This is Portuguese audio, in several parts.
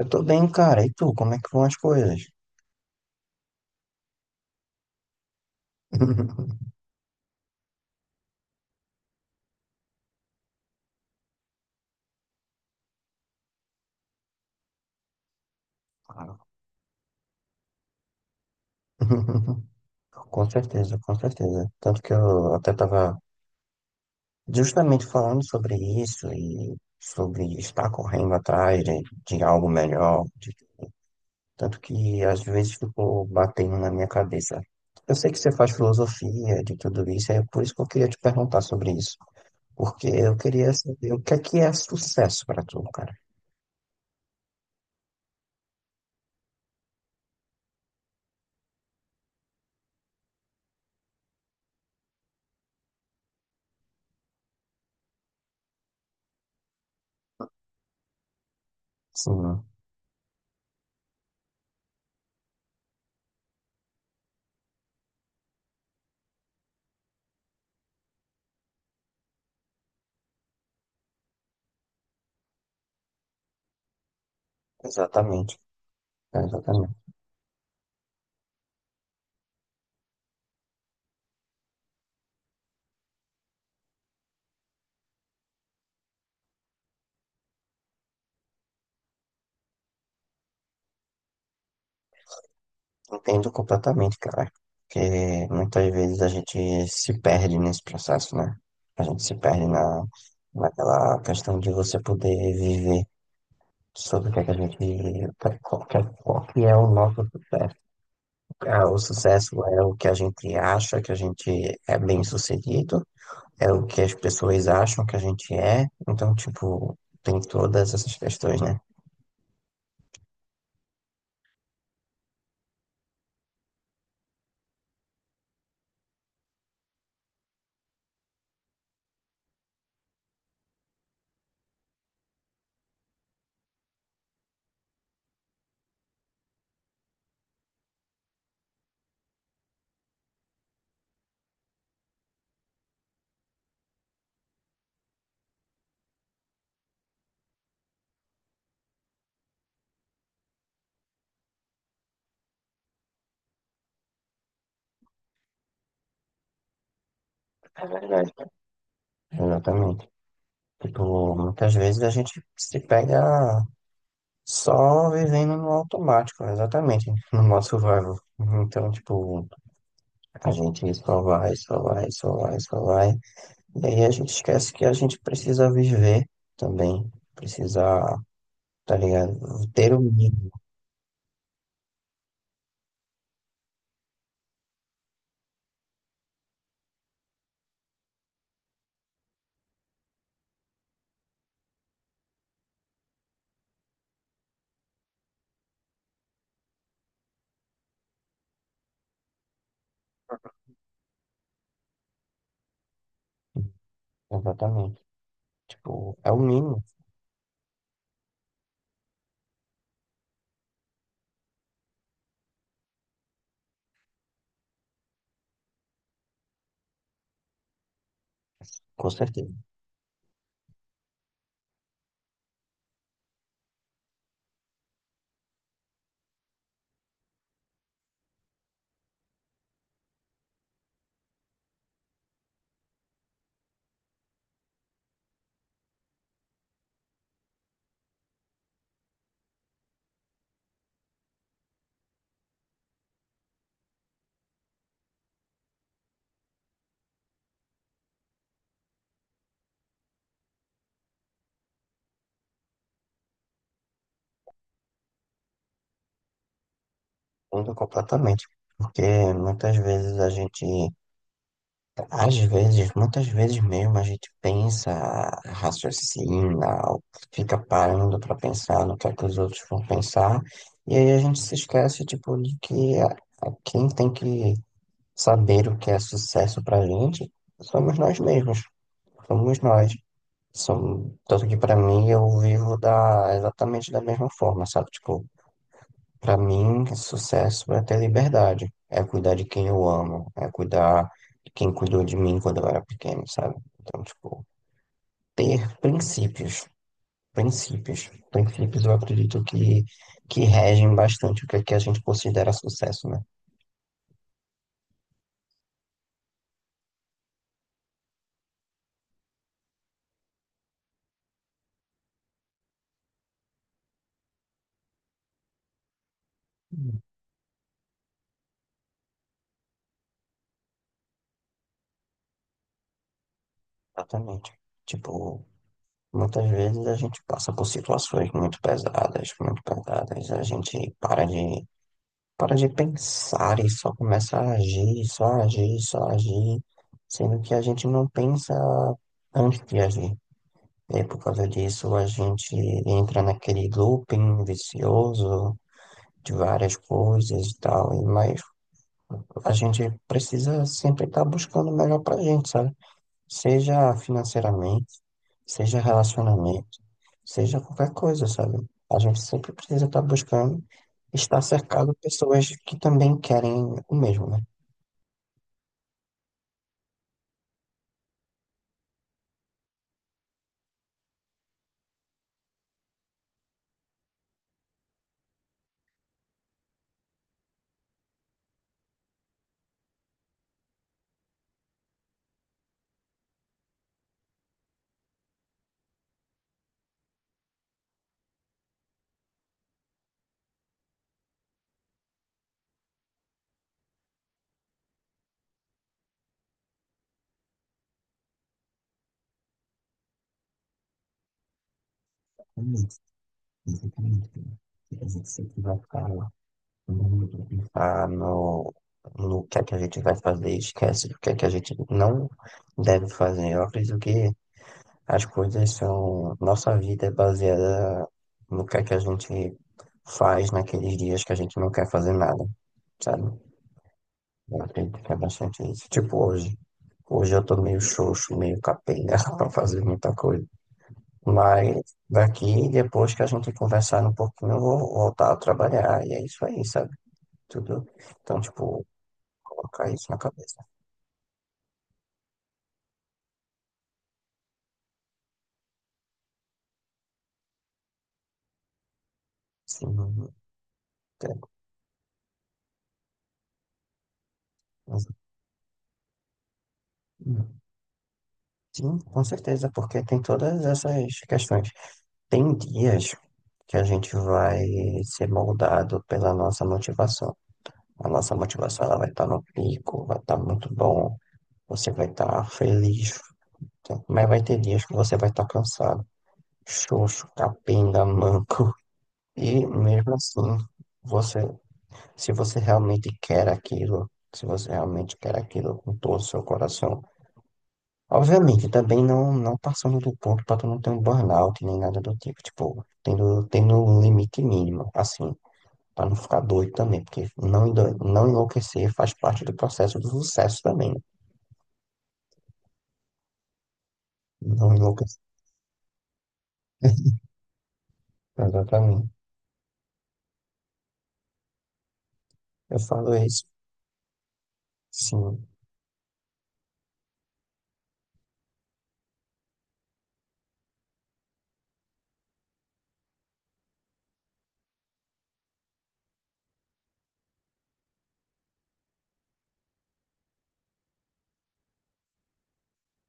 Eu tô bem, cara. E tu, como é que vão as coisas? Claro. Com certeza, com certeza. Tanto que eu até estava justamente falando sobre isso e sobre estar correndo atrás de algo melhor. Tanto que às vezes ficou batendo na minha cabeça. Eu sei que você faz filosofia de tudo isso, é por isso que eu queria te perguntar sobre isso. Porque eu queria saber o que é sucesso para tu, cara. Sim, exatamente. Exatamente. Entendo completamente, cara. Porque muitas vezes a gente se perde nesse processo, né? A gente se perde na, Naquela questão de você poder viver sobre o que é que a gente. Qual que é o nosso sucesso? Ah, o sucesso é o que a gente acha que a gente é bem-sucedido, é o que as pessoas acham que a gente é. Então, tipo, tem todas essas questões, né? É verdade. Exatamente. Tipo, muitas vezes a gente se pega. Só vivendo no automático, exatamente, no modo survival. Então, tipo, a gente só vai, só vai, só vai, só vai. E aí a gente esquece que a gente precisa viver também. Precisa, tá ligado? Ter o mínimo. Exatamente. Tipo, é o mínimo, com certeza. Muda completamente. Porque muitas vezes a gente às vezes, muitas vezes mesmo, a gente pensa, raciocina, ou fica parando para pensar no que é que os outros vão pensar, e aí a gente se esquece, tipo, de que quem tem que saber o que é sucesso pra gente somos nós mesmos, somos nós. Tanto que pra mim eu vivo da, exatamente da mesma forma, sabe? Tipo, para mim, sucesso é ter liberdade, é cuidar de quem eu amo, é cuidar de quem cuidou de mim quando eu era pequeno, sabe? Então, tipo, ter princípios, princípios eu acredito que regem bastante o que, é que a gente considera sucesso, né? Exatamente. Tipo, muitas vezes a gente passa por situações muito pesadas, a gente para de pensar e só começa a agir, só agir, só agir, sendo que a gente não pensa antes de agir. E por causa disso a gente entra naquele looping vicioso de várias coisas e tal, mas a gente precisa sempre estar buscando o melhor pra gente, sabe? Seja financeiramente, seja relacionamento, seja qualquer coisa, sabe? A gente sempre precisa estar buscando estar cercado de pessoas que também querem o mesmo, né? Exatamente, exatamente. A gente sempre vai ficar lá mundo, pensar no, no que é que a gente vai fazer, esquece do que é que a gente não deve fazer. Eu acredito que as coisas são. Nossa vida é baseada no que é que a gente faz naqueles dias que a gente não quer fazer nada, sabe? Eu acredito que é bastante isso. Tipo hoje. Hoje eu tô meio xoxo, meio capenga pra fazer muita coisa. Mas daqui, depois que a gente conversar um pouquinho, eu vou voltar a trabalhar. E é isso aí, sabe? Tudo. Então, tipo, colocar isso na cabeça. Sim, entendo. Sim, com certeza, porque tem todas essas questões. Tem dias que a gente vai ser moldado pela nossa motivação. A nossa motivação ela vai estar no pico, vai estar muito bom, você vai estar feliz, tá? Mas vai ter dias que você vai estar cansado, xoxo, capenga, manco. E mesmo assim, você, se você realmente quer aquilo, se você realmente quer aquilo com todo o seu coração, obviamente, também não passando do ponto para tu não ter um burnout nem nada do tipo, tipo, tendo um limite mínimo, assim, para não ficar doido também, porque não, endoide- não enlouquecer faz parte do processo do sucesso também, né? Não enlouquecer. Exatamente. Eu falo isso, sim,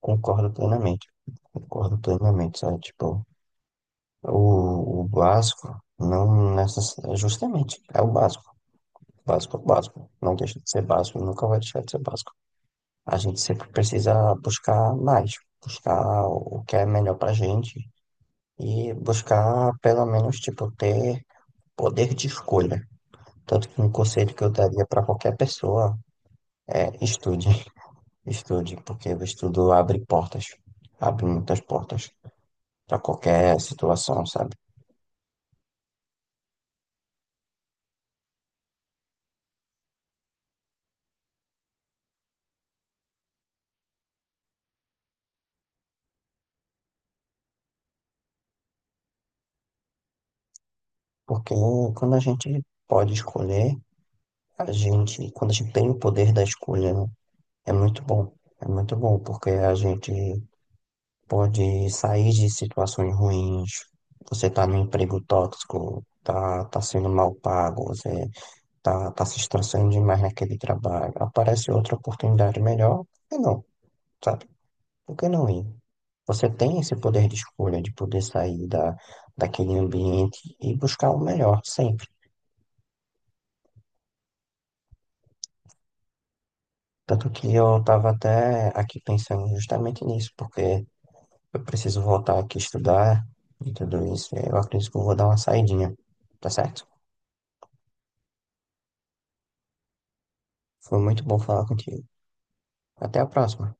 concordo plenamente. Concordo plenamente, sabe? Tipo, o básico não necessariamente, justamente, é o básico. Básico é o básico. Não deixa de ser básico, nunca vai deixar de ser básico. A gente sempre precisa buscar mais, buscar o que é melhor pra gente e buscar pelo menos tipo ter poder de escolha. Tanto que um conselho que eu daria pra qualquer pessoa é estude, estude, porque o estudo abre portas, abre muitas portas pra qualquer situação, sabe? Porque quando a gente pode escolher, a gente, quando a gente tem o poder da escolha, né, é muito bom. É muito bom, porque a gente pode sair de situações ruins. Você tá num emprego tóxico, tá sendo mal pago, você tá se estressando demais naquele trabalho. Aparece outra oportunidade melhor, por que não, sabe? Por que não ir? Você tem esse poder de escolha de poder sair daquele ambiente e buscar o melhor sempre. Tanto que eu estava até aqui pensando justamente nisso, porque eu preciso voltar aqui estudar e tudo isso. Eu acredito que eu vou dar uma saidinha, tá certo? Foi muito bom falar contigo. Até a próxima.